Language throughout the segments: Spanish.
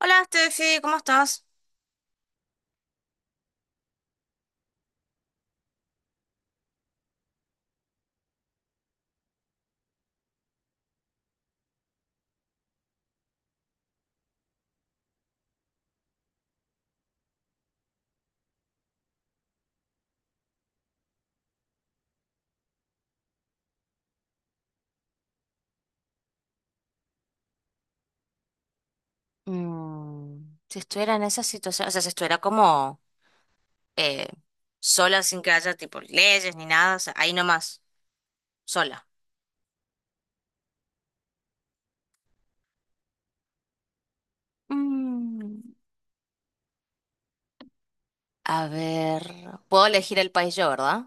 Hola, Steffi, ¿cómo estás? Si estuviera en esa situación, o sea, si estuviera como eh, sola sin que haya tipo leyes ni nada, o sea, ahí nomás, sola. Mm, a ver, puedo elegir el país yo, ¿verdad?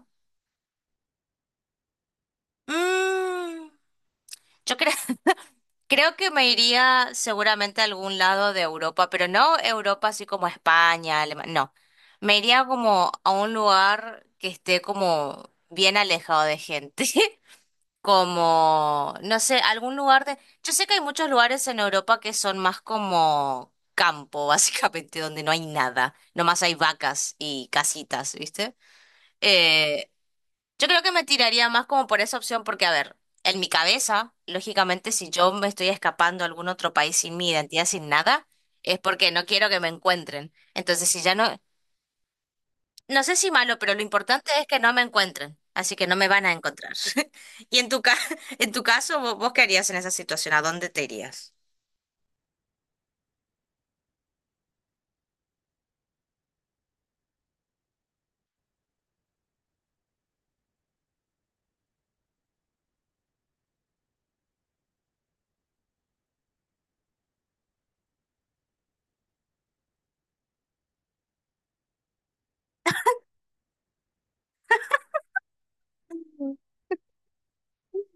Mm, yo creo, creo que me iría seguramente a algún lado de Europa, pero no Europa así como España, Alemania, no. Me iría como a un lugar que esté como bien alejado de gente. Como, no sé, algún lugar de... Yo sé que hay muchos lugares en Europa que son más como campo, básicamente, donde no hay nada, nomás hay vacas y casitas, ¿viste? Eh, yo creo que me tiraría más como por esa opción porque, a ver, en mi cabeza, lógicamente, si yo me estoy escapando a algún otro país sin mi identidad, sin nada, es porque no quiero que me encuentren. Entonces, si ya no, no sé si malo, pero lo importante es que no me encuentren, así que no me van a encontrar. Y en tu caso, ¿vos, qué harías en esa situación? ¿A dónde te irías?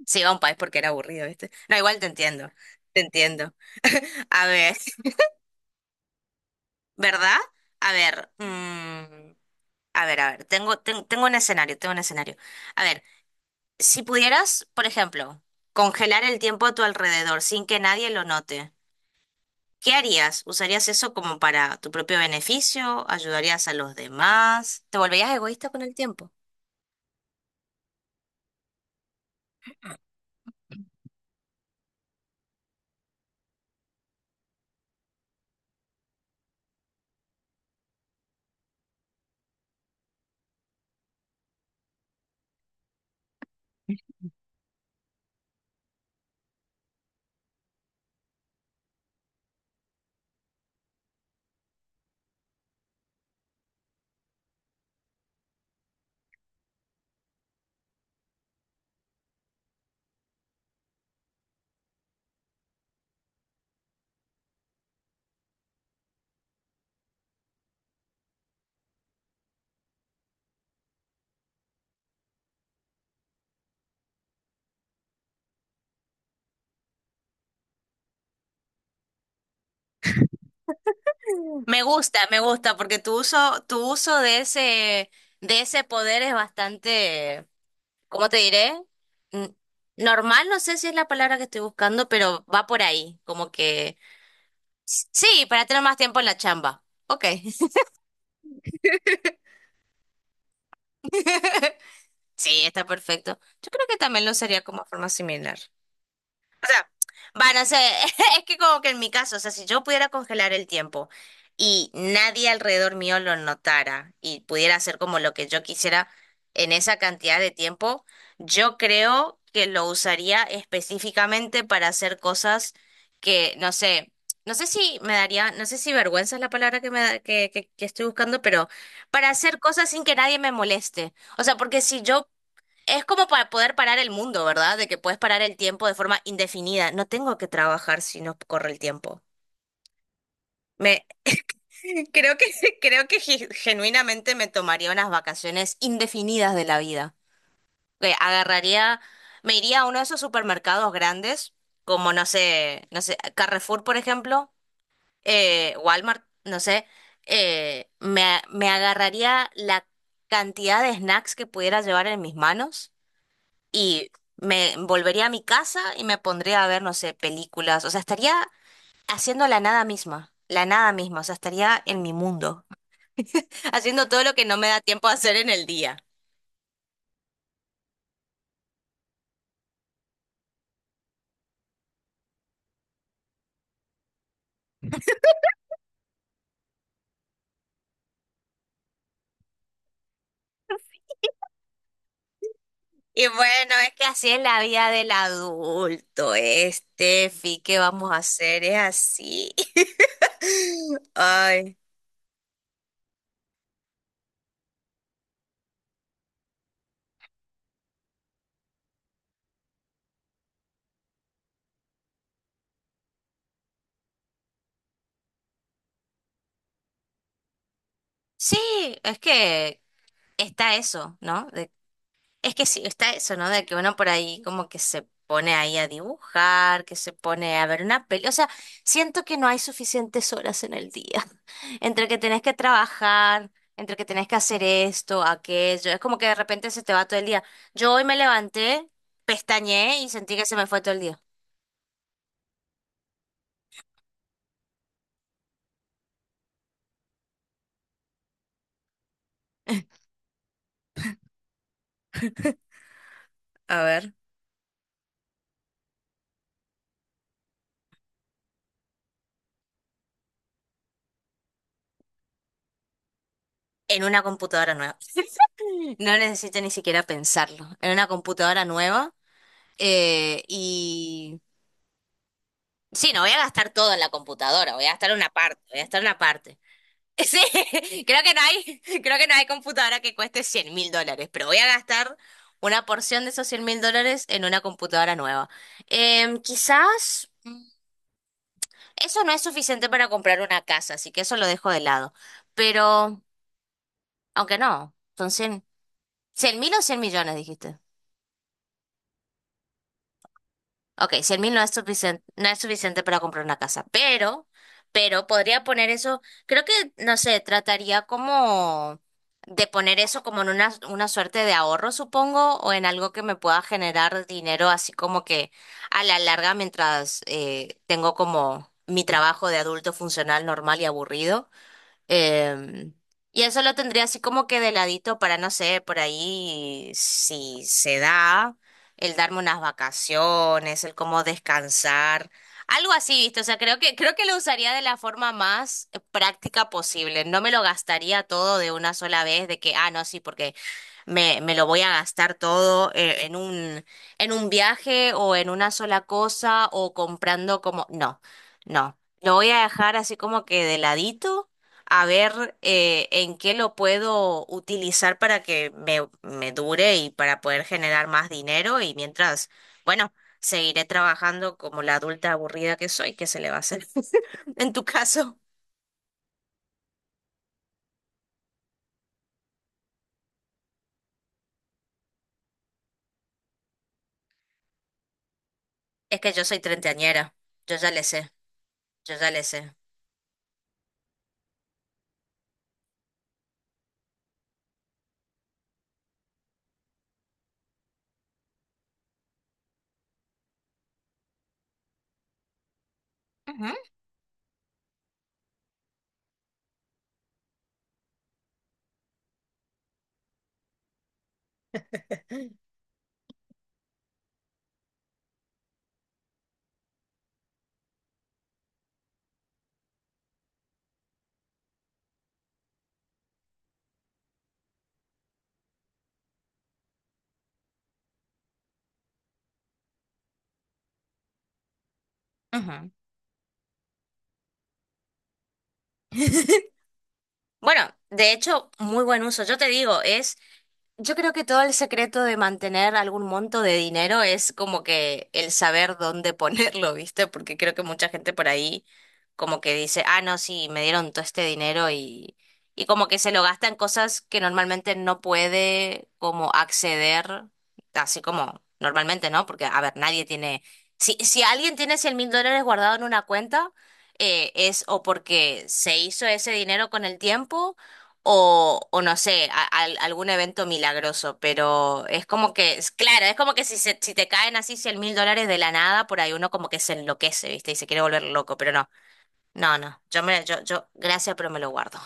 Sí, a un país porque era aburrido, ¿viste? No, igual te entiendo, te entiendo. A ver, ¿verdad? A ver, a ver, a ver, tengo un escenario, tengo un escenario. A ver, si pudieras, por ejemplo, congelar el tiempo a tu alrededor sin que nadie lo note. ¿Qué harías? ¿Usarías eso como para tu propio beneficio? ¿Ayudarías a los demás? ¿Te volverías egoísta con el tiempo? Me gusta, porque tu uso de ese poder es bastante, ¿cómo te diré? Mm, Normal, no sé si es la palabra que estoy buscando, pero va por ahí, como que sí, para tener más tiempo en la chamba. Ok. Sí, está perfecto. Yo creo que también lo usaría como forma similar. O sea, van a ser es que como que en mi caso, o sea, si yo pudiera congelar el tiempo y nadie alrededor mío lo notara y pudiera hacer como lo que yo quisiera en esa cantidad de tiempo, yo creo que lo usaría específicamente para hacer cosas que, no sé, no sé si me daría, no sé si vergüenza es la palabra que me da- que estoy buscando, pero para hacer cosas sin que nadie me moleste. O sea, porque si yo es como para poder parar el mundo, ¿verdad? De que puedes parar el tiempo de forma indefinida. No tengo que trabajar si no corre el tiempo. Me creo que creo que genuinamente me tomaría unas vacaciones indefinidas de la vida. Que agarraría, me iría a uno de esos supermercados grandes, como no sé, no sé, Carrefour, por ejemplo, Walmart, no sé. Me agarraría la cantidad de snacks que pudiera llevar en mis manos y me volvería a mi casa y me pondría a ver, no sé, películas. O sea, estaría haciendo la nada misma, la nada misma. O sea, estaría en mi mundo, haciendo todo lo que no me da tiempo a hacer en el día. Y bueno, es que así es la vida del adulto, este, Fi, ¿qué vamos a hacer? Es así. Ay. Sí, es que está eso, ¿no? Es que sí, está eso, ¿no? De que uno por ahí como que se pone ahí a dibujar, que se pone a ver una peli. O sea, siento que no hay suficientes horas en el día. Entre que tenés que trabajar, entre que tenés que hacer esto, aquello. Es como que de repente se te va todo el día. Yo hoy me levanté, pestañeé y sentí que se me fue todo el día. A ver. En una computadora nueva. No necesito ni siquiera pensarlo. En una computadora nueva. eh, y Sí, no voy a gastar todo en la computadora, voy a gastar una parte, voy a gastar una parte. Sí, creo que no hay, creo que no hay computadora que cueste 100.000 dólares, pero voy a gastar una porción de esos 100.000 dólares en una computadora nueva. Quizás eso no es suficiente para comprar una casa, así que eso lo dejo de lado. Pero, aunque no, son 100 100 mil o 100.000.000, dijiste. Ok, 100 mil no es suficiente, no es suficiente para comprar una casa, pero podría poner eso, creo que, no sé, trataría como de poner eso como en una suerte de ahorro, supongo, o en algo que me pueda generar dinero, así como que a la larga, mientras tengo como mi trabajo de adulto funcional normal y aburrido. Em, y eso lo tendría así como que de ladito para, no sé, por ahí si se da, el darme unas vacaciones, el cómo descansar, algo así, ¿viste? O sea, creo que lo usaría de la forma más práctica posible. No me lo gastaría todo de una sola vez, de que, ah, no, sí, porque me lo voy a gastar todo en un, viaje o en una sola cosa o comprando como... No, no. Lo voy a dejar así como que de ladito a ver en qué lo puedo utilizar para que me dure y para poder generar más dinero y mientras, bueno, seguiré trabajando como la adulta aburrida que soy, ¿qué se le va a hacer? En tu caso, es que yo soy treintañera, yo ya le sé, yo ya le sé. Ujú. Ujú. Bueno, de hecho, muy buen uso. Yo te digo, es Yo creo que todo el secreto de mantener algún monto de dinero es como que el saber dónde ponerlo, ¿viste? Porque creo que mucha gente por ahí como que dice, ah, no, sí, me dieron todo este dinero y como que se lo gasta en cosas que normalmente no puede como acceder, así como normalmente, ¿no? Porque, a ver, nadie tiene, si alguien tiene 100.000 dólares guardado en una cuenta, es o porque se hizo ese dinero con el tiempo o no sé, algún evento milagroso, pero es como que, es, claro, es como que si te caen así 100.000 dólares de la nada, por ahí uno como que se enloquece, ¿viste? Y se quiere volver loco, pero no, no, no, yo, gracias, pero me lo guardo.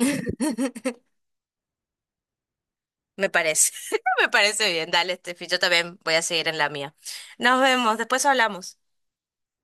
Me parece, me parece bien, dale, Steffi, yo también voy a seguir en la mía. Nos vemos, después hablamos.